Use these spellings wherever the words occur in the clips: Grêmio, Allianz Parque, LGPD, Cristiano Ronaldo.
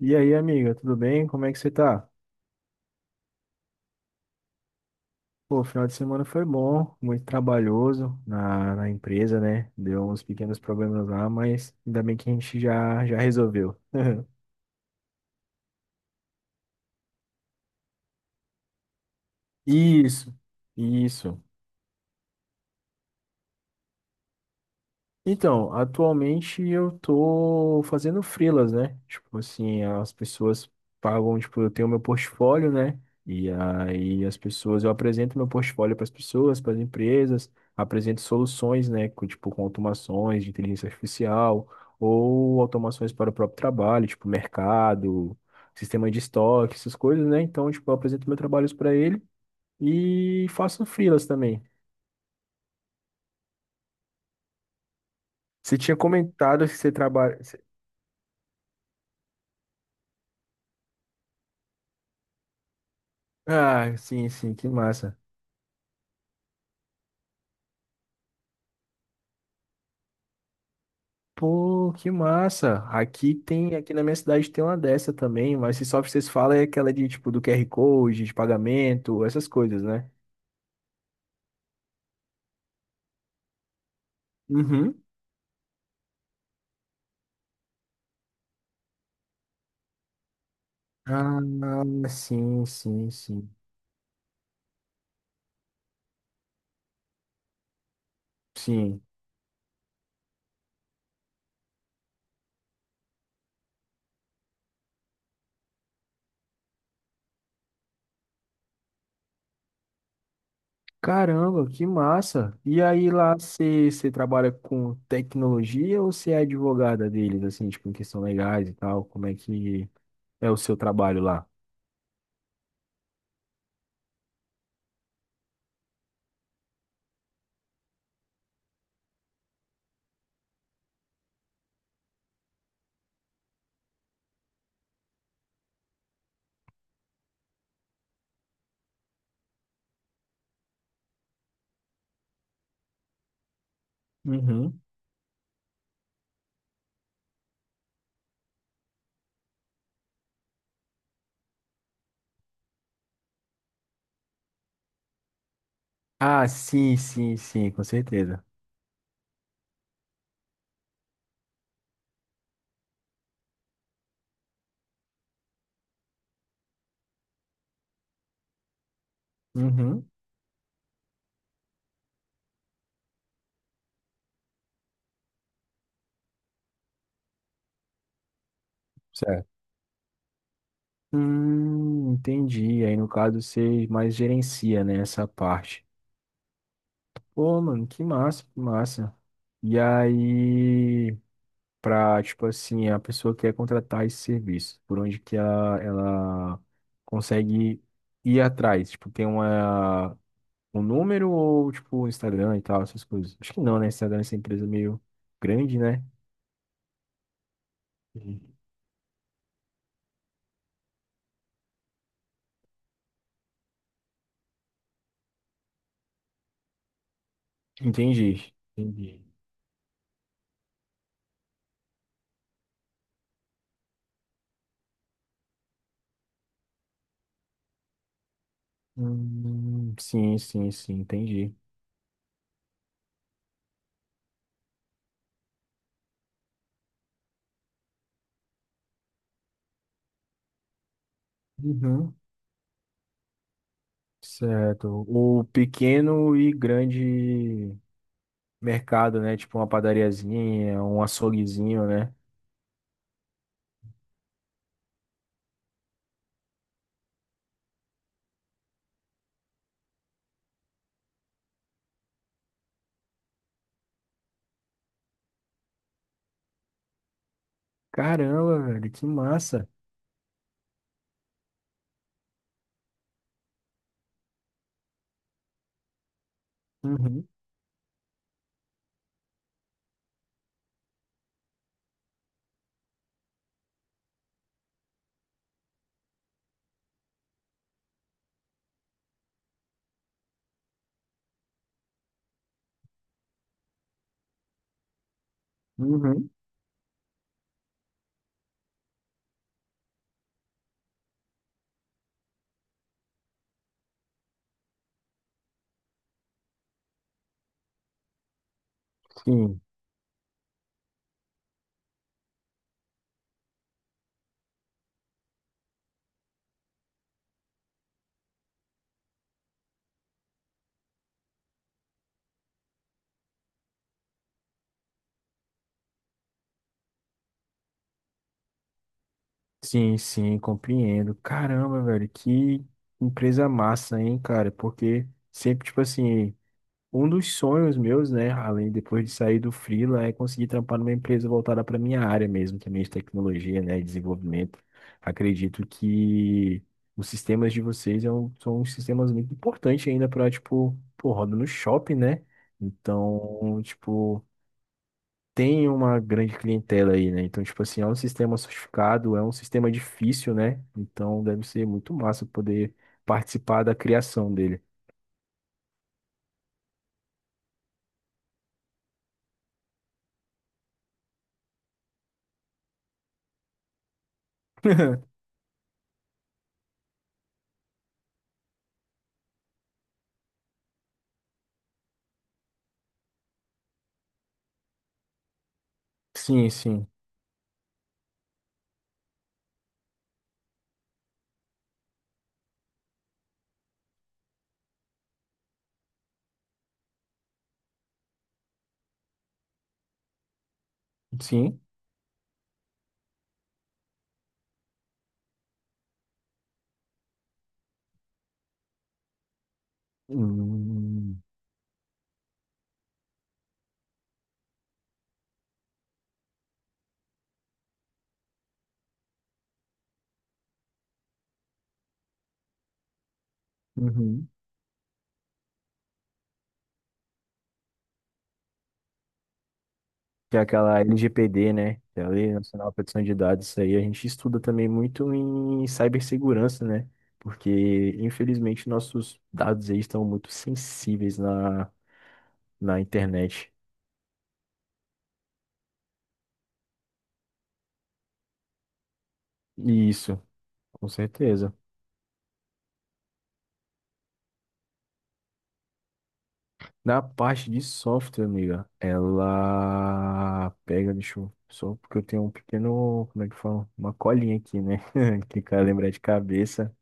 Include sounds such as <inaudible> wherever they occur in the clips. E aí, amiga, tudo bem? Como é que você tá? Pô, o final de semana foi bom, muito trabalhoso na empresa, né? Deu uns pequenos problemas lá, mas ainda bem que a gente já resolveu. <laughs> Isso, isso. Então, atualmente eu tô fazendo freelas, né? Tipo assim, as pessoas pagam, tipo, eu tenho meu portfólio, né? E aí as pessoas, eu apresento meu portfólio para as pessoas, para as empresas, apresento soluções, né? Com, tipo, com automações de inteligência artificial ou automações para o próprio trabalho, tipo mercado, sistema de estoque, essas coisas, né? Então, tipo, eu apresento meus trabalhos para ele e faço freelas também. Você tinha comentado que você trabalha. Ah, sim, sim, que massa. Pô, que massa. Aqui tem, aqui na minha cidade tem uma dessa também, mas se só vocês falam é aquela de tipo do QR Code, de pagamento, essas coisas, né? Uhum. Ah, sim, sim, sim. Sim. Caramba, que massa. E aí lá você trabalha com tecnologia ou você é advogada deles, assim, tipo, em questão legais e tal? Como é que é o seu trabalho lá? Uhum. Ah, sim, sim, sim, com certeza. Uhum. Certo. Entendi. Aí no caso você mais gerencia, né, essa parte. Pô, mano, que massa, que massa. E aí, pra, tipo assim, a pessoa quer contratar esse serviço, por onde que ela consegue ir atrás? Tipo, tem uma, um número ou, tipo, um Instagram e tal, essas coisas? Acho que não, né? Instagram é essa empresa meio grande, né? Sim. Entendi. Entendi. Sim, sim, sim, entendi. Uhum. Certo. O pequeno e grande mercado, né? Tipo uma padariazinha, um açouguezinho, né? Caramba, velho, que massa. Uhum, uhum. Sim, sim, sim, compreendo. Caramba, velho, que empresa massa, hein, cara? Porque sempre, tipo assim. Um dos sonhos meus, né, além depois de sair do freela, é conseguir trampar numa empresa voltada para minha área mesmo, também de tecnologia, né, e desenvolvimento. Acredito que os sistemas de vocês é um- são uns sistemas muito importantes ainda para, tipo, pô, roda no shopping, né? Então, tipo, tem uma grande clientela aí, né? Então, tipo assim, é um sistema sofisticado, é um sistema difícil, né? Então, deve ser muito massa poder participar da criação dele. Sim, sim, sim. Hum, uhum. Que é aquela LGPD, né? Que é a Lei Nacional de Proteção de Dados, isso aí a gente estuda também muito em cibersegurança, né? Porque, infelizmente, nossos dados aí estão muito sensíveis na, na internet. Isso, com certeza. Na parte de software, amiga, ela pega, deixa eu, só porque eu tenho um pequeno, como é que fala? Uma colinha aqui, né? <laughs> Que cara lembrar de cabeça.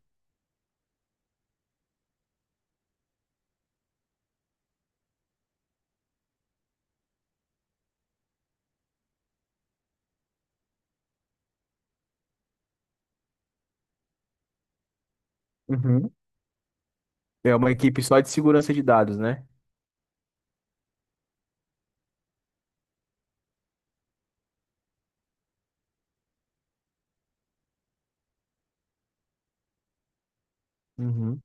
Uhum. É uma equipe só de segurança de dados, né? Uhum.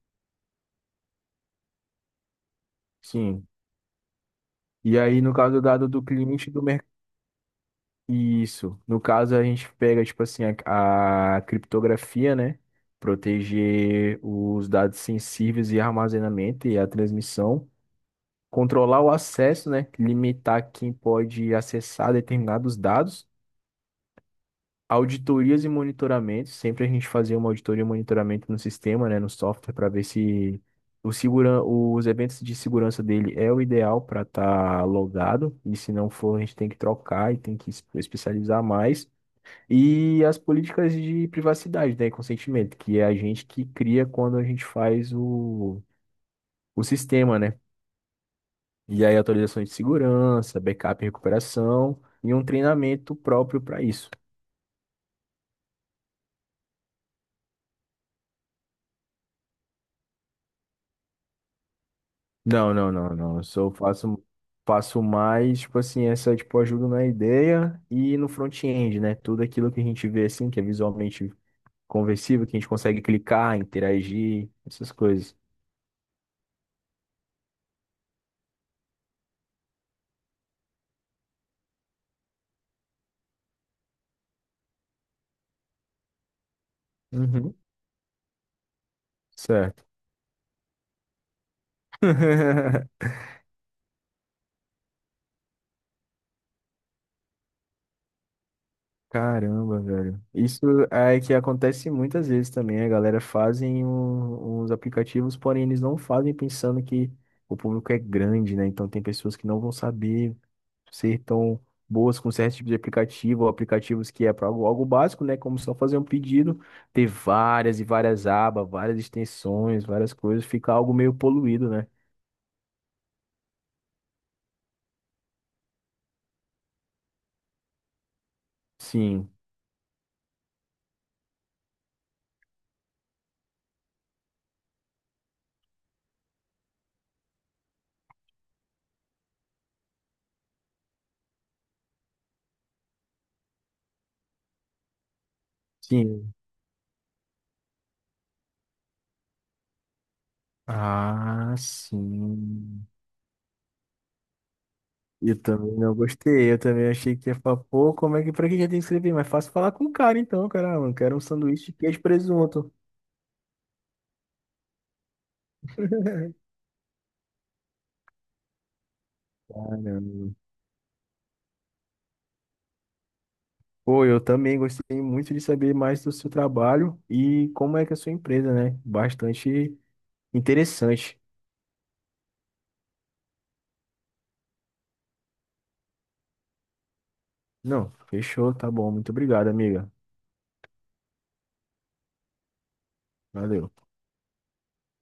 Sim, e aí, no caso dado do cliente do mercado. Isso. No caso, a gente pega, tipo assim, a criptografia, né? Proteger os dados sensíveis e armazenamento e a transmissão. Controlar o acesso, né? Limitar quem pode acessar determinados dados. Auditorias e monitoramentos, sempre a gente fazia uma auditoria e monitoramento no sistema, né, no software, para ver se o segura... os eventos de segurança dele é o ideal para estar logado, e se não for, a gente tem que trocar e tem que es- especializar mais. E as políticas de privacidade, né, e consentimento, que é a gente que cria quando a gente faz o sistema, né? E aí atualizações de segurança, backup e recuperação, e um treinamento próprio para isso. Não, não, não, não. Eu só faço, faço mais, tipo assim, essa, tipo, ajuda na ideia e no front-end, né? Tudo aquilo que a gente vê, assim, que é visualmente conversível, que a gente consegue clicar, interagir, essas coisas. Uhum. Certo. <laughs> Caramba, velho. Isso é que acontece muitas vezes também. A galera fazem um- uns aplicativos, porém eles não fazem pensando que o público é grande, né? Então tem pessoas que não vão saber ser tão boas com certo tipo de aplicativo, ou aplicativos que é para algo, algo básico, né? Como só fazer um pedido, ter várias e várias abas, várias extensões, várias coisas, fica algo meio poluído, né? Sim, sim. Ah, sim. Eu também não gostei, eu também achei que ia falar, pô, como é que, pra que já tem que escrever? Mas fácil falar com o cara então, caramba, eu quero um sanduíche de queijo e presunto. <laughs> Caramba. Pô, eu também gostei muito de saber mais do seu trabalho e como é que é a sua empresa, né? Bastante interessante. Não, fechou, tá bom. Muito obrigado, amiga. Valeu.